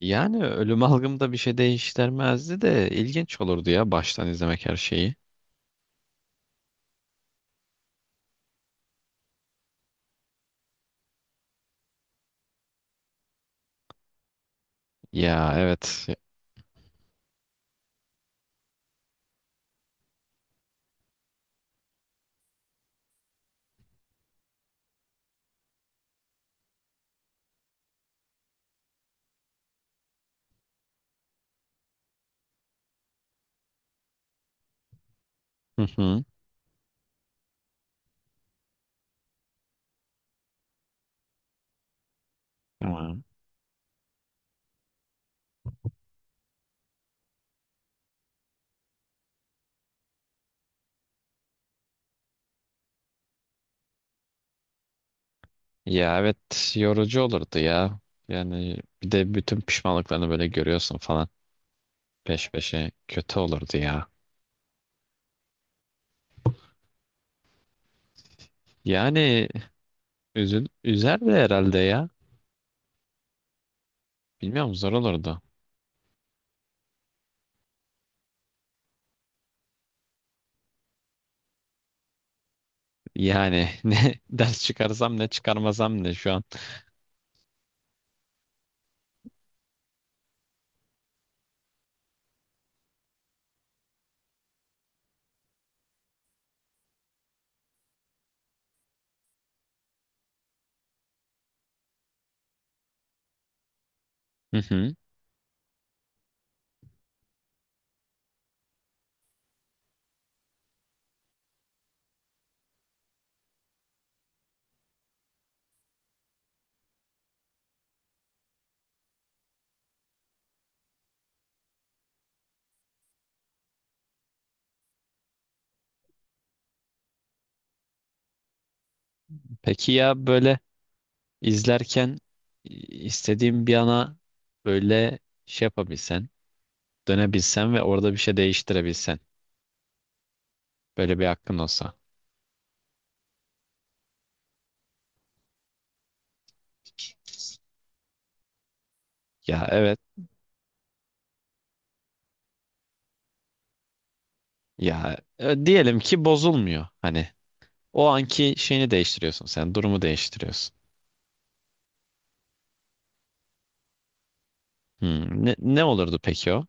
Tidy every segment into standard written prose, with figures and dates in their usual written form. Yani ölüm algımda bir şey değiştirmezdi de ilginç olurdu ya baştan izlemek her şeyi. Ya evet. Hı hı. Tamam. Ya evet, yorucu olurdu ya. Yani bir de bütün pişmanlıklarını böyle görüyorsun falan, peş peşe kötü olurdu ya. Yani üzerdi herhalde ya. Bilmiyorum, zor olurdu. Yani ne ders çıkarsam ne çıkarmasam ne şu an. Hı hı. Peki ya böyle, İzlerken istediğin bir ana böyle şey yapabilsen, dönebilsen ve orada bir şey değiştirebilsen. Böyle bir hakkın olsa. Ya evet, ya diyelim ki bozulmuyor. Hani o anki şeyini değiştiriyorsun sen, durumu değiştiriyorsun. Hmm, ne olurdu peki o?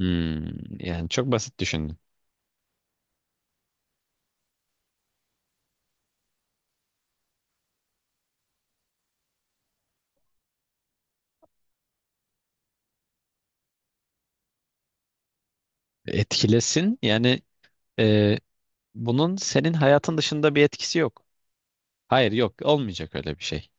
Hmm, yani çok basit düşündüm. Etkilesin yani, e, bunun senin hayatın dışında bir etkisi yok. Hayır, yok, olmayacak öyle bir şey.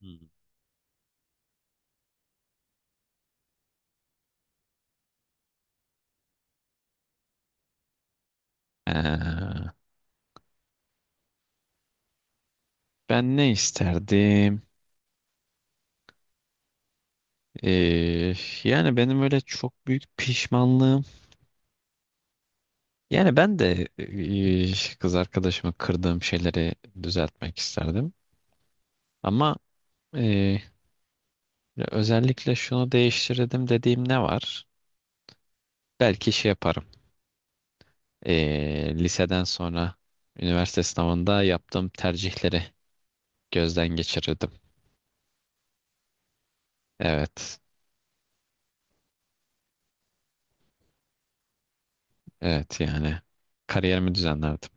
Hmm. Ee, Ben ne isterdim? Ee, Yani benim öyle çok büyük pişmanlığım. Yani ben de kız arkadaşımı kırdığım şeyleri düzeltmek isterdim. Ama e, özellikle şunu değiştirdim dediğim ne var? Belki şey yaparım. Liseden sonra üniversite sınavında yaptığım tercihleri gözden geçirirdim. Evet. Evet yani. Kariyerimi düzenlerdim.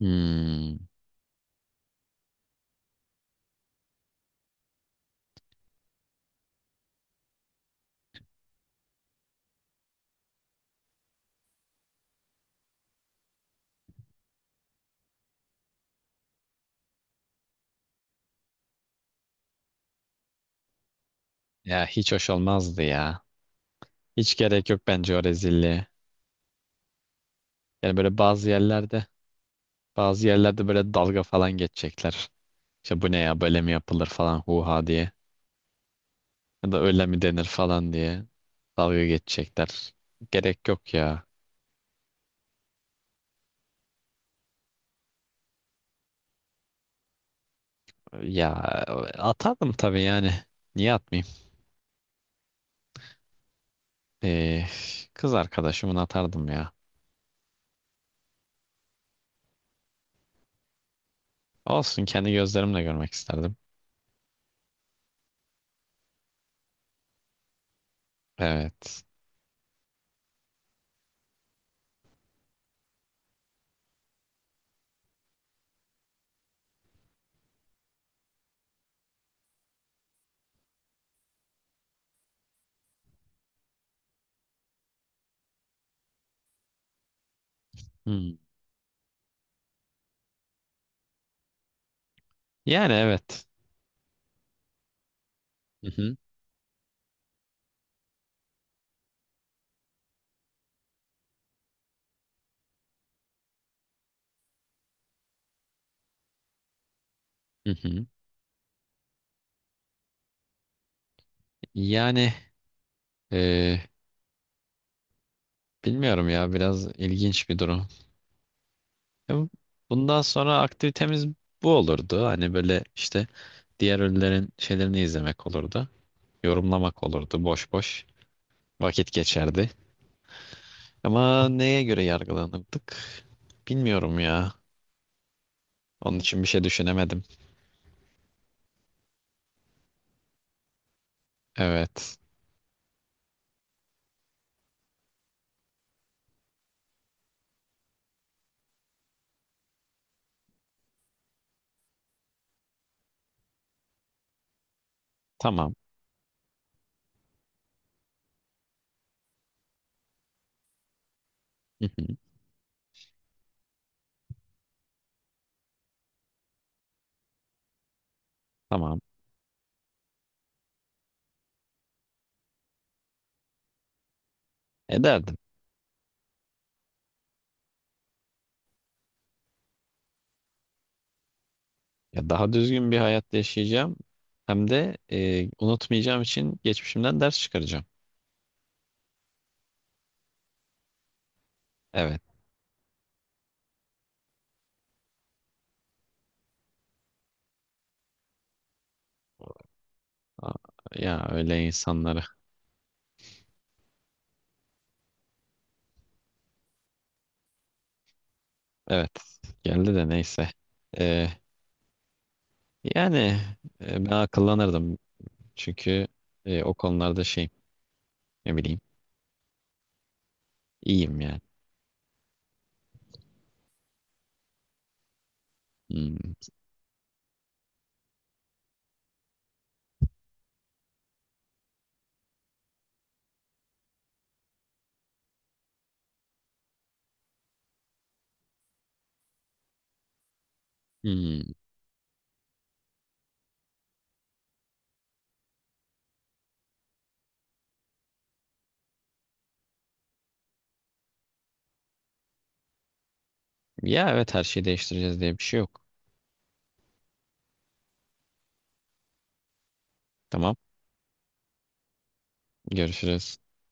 Hmm, ya hiç hoş olmazdı ya. Hiç gerek yok bence o rezilliğe. Yani böyle bazı yerlerde böyle dalga falan geçecekler. İşte bu ne ya, böyle mi yapılır falan, huha diye. Ya da öyle mi denir falan diye dalga geçecekler. Gerek yok ya. Ya atardım tabii yani. Niye atmayayım? Ee, Kız arkadaşımı atardım ya. Olsun, kendi gözlerimle görmek isterdim. Evet. Hmm. Yani evet. Hı hı. Hı hı. Yani e, bilmiyorum ya, biraz ilginç bir durum. Ya bundan sonra aktivitemiz bu olurdu. Hani böyle işte diğer ünlülerin şeylerini izlemek olurdu. Yorumlamak olurdu. Boş boş vakit geçerdi. Ama neye göre yargılanırdık? Bilmiyorum ya. Onun için bir şey düşünemedim. Evet. Tamam. Hı hı. Tamam. Ederdim. Ya daha düzgün bir hayat yaşayacağım. Hem de unutmayacağım için geçmişimden ders çıkaracağım. Evet. Aa, ya öyle insanları. Evet. Geldi de neyse. Ee, Yani ben akıllanırdım. Çünkü o konularda şey, ne bileyim, iyiyim yani. Hmm. Hmm. Ya evet, her şeyi değiştireceğiz diye bir şey yok. Tamam. Görüşürüz.